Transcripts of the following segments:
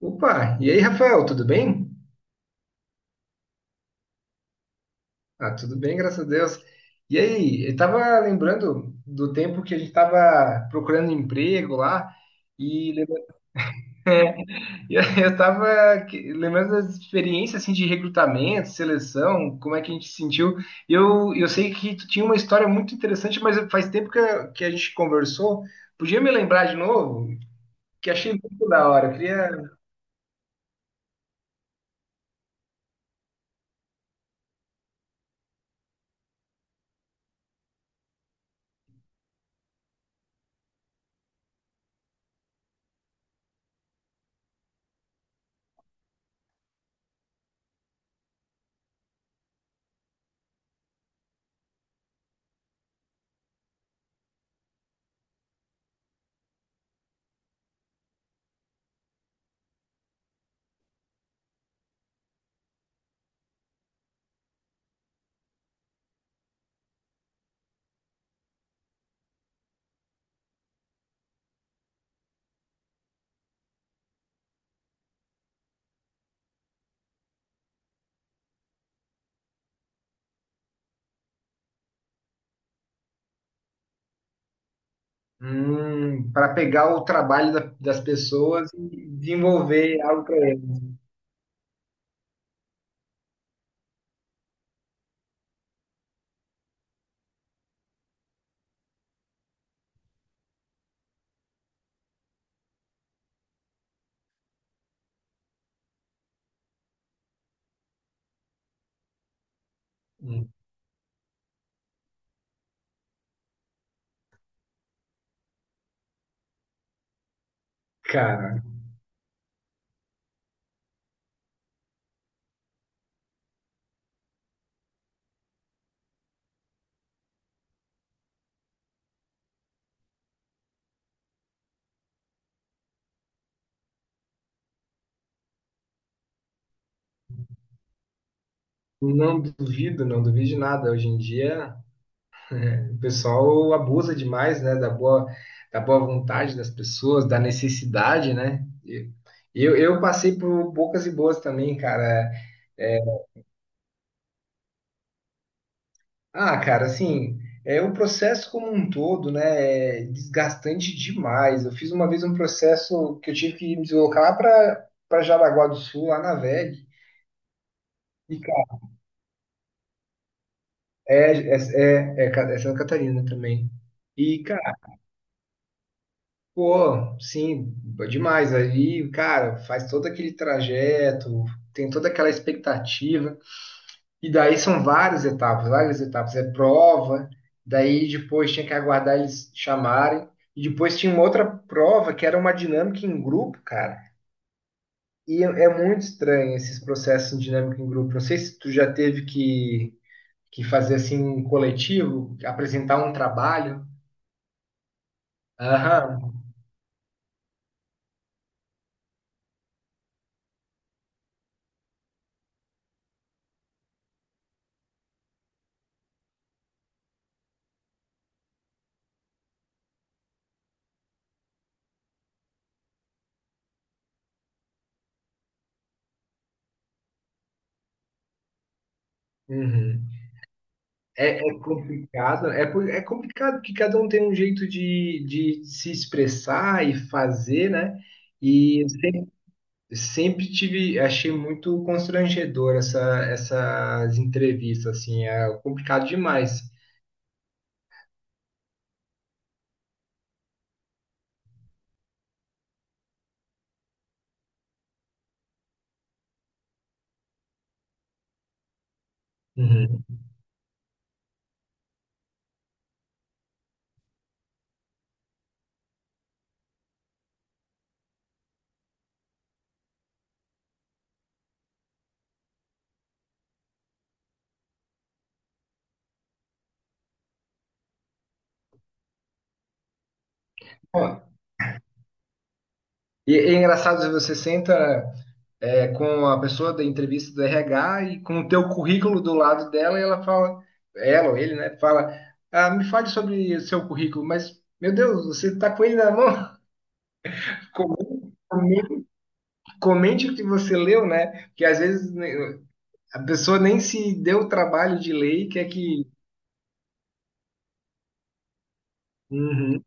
Opa, e aí, Rafael, tudo bem? Ah, tudo bem, graças a Deus. E aí, eu tava lembrando do tempo que a gente tava procurando emprego lá e e aí eu tava lembrando das experiências assim de recrutamento, seleção, como é que a gente se sentiu. Eu sei que tu tinha uma história muito interessante, mas faz tempo que a gente conversou. Podia me lembrar de novo? Que achei muito da hora. Eu queria para pegar o trabalho das pessoas e desenvolver algo para. Hum. Cara, não duvido, não duvido de nada. Hoje em dia, é, o pessoal abusa demais, né, da boa vontade das pessoas, da necessidade, né? E eu passei por bocas e boas também, cara. É, ah, cara, assim, é o processo como um todo, né, é desgastante demais. Eu fiz uma vez um processo que eu tive que me deslocar para Jaraguá do Sul, lá na VEG. E, cara, é, é, é é Santa Catarina também. E, pô, sim, demais. Aí, cara, faz todo aquele trajeto, tem toda aquela expectativa. E daí são várias etapas, várias etapas. É prova, daí depois tinha que aguardar eles chamarem. E depois tinha uma outra prova que era uma dinâmica em grupo, cara. E é muito estranho esses processos de dinâmica em grupo. Não sei se tu já teve que fazer assim um coletivo, apresentar um trabalho. Aham. Uhum. É, é complicado, é complicado porque cada um tem um jeito de se expressar e fazer, né? E eu sempre, sempre tive, achei muito constrangedor essas entrevistas, assim, é complicado demais. Uhum. Ó, e é engraçado, você senta é, com a pessoa da entrevista do RH e com o teu currículo do lado dela e ela fala, ela ou ele, né, fala, ah, me fale sobre o seu currículo, mas, meu Deus, você tá com ele na mão? Comente, comente o que você leu, né? Porque às vezes né, a pessoa nem se deu o trabalho de ler e quer que. Uhum,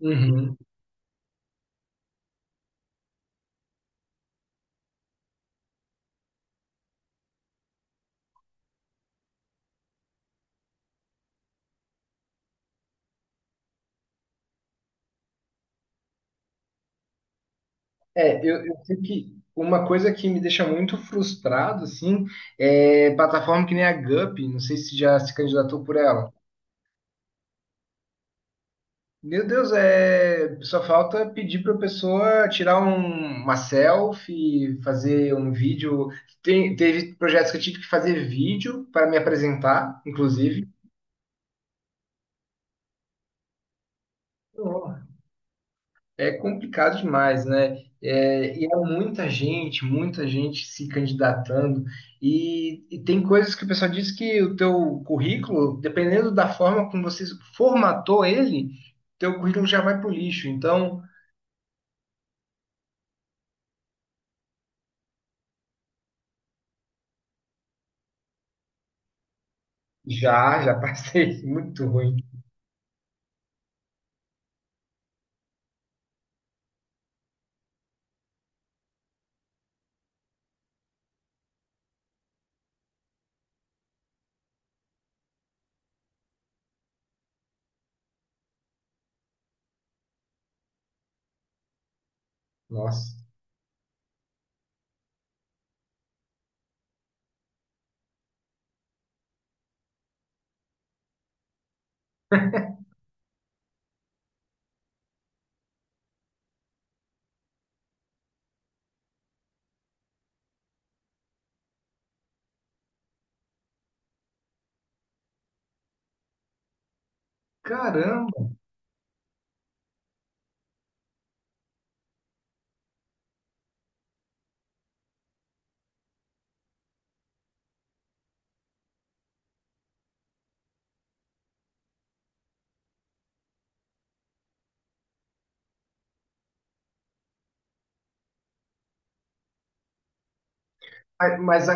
uhum. É, eu sei que uma coisa que me deixa muito frustrado, assim, é plataforma que nem a Gup, não sei se já se candidatou por ela. Meu Deus, é... só falta pedir para a pessoa tirar uma selfie, fazer um vídeo. Teve projetos que eu tive que fazer vídeo para me apresentar, inclusive. É complicado demais, né? É, e há muita gente se candidatando. E tem coisas que o pessoal diz que o teu currículo, dependendo da forma como você formatou ele, teu currículo já vai pro lixo. Então, já, já passei. Muito ruim. Nossa. Caramba! Mas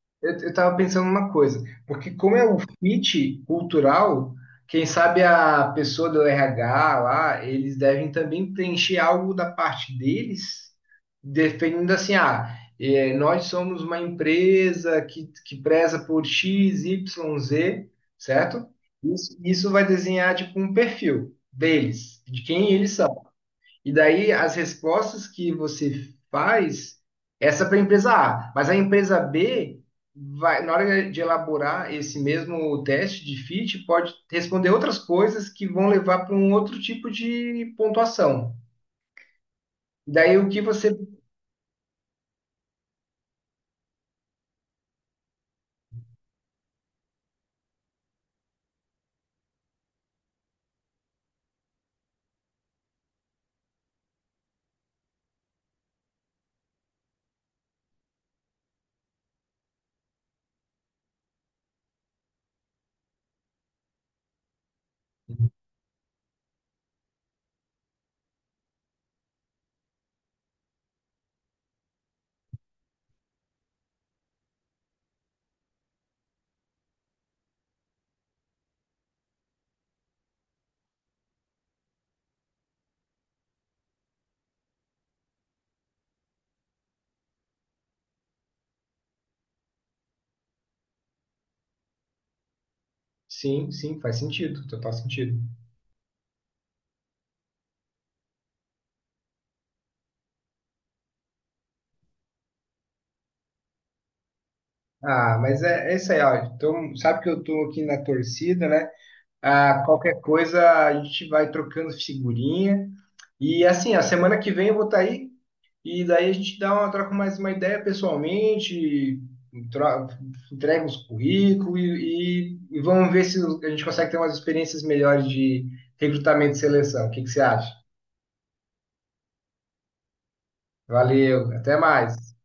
eu tava pensando uma coisa, porque como é o fit cultural, quem sabe a pessoa do RH lá, eles devem também preencher algo da parte deles, definindo assim, ah, eh, nós somos uma empresa que preza por X, Y, Z, certo? Isso vai desenhar tipo um perfil deles, de quem eles e daí as respostas que você faz, essa é para a empresa A, mas a empresa B vai, na hora de elaborar esse mesmo teste de fit, pode responder outras coisas que vão levar para um outro tipo de pontuação. Daí o que você. Sim, sim, faz sentido, total sentido. Ah, mas é, é isso aí, ó. Então, sabe que eu tô aqui na torcida, né? Ah, qualquer coisa a gente vai trocando figurinha. E assim, a semana que vem eu vou estar aí e daí a gente dá uma, troca mais uma ideia pessoalmente, tro- entrega uns currículos e vamos ver se a gente consegue ter umas experiências melhores de recrutamento e seleção. O que que você acha? Valeu, até mais.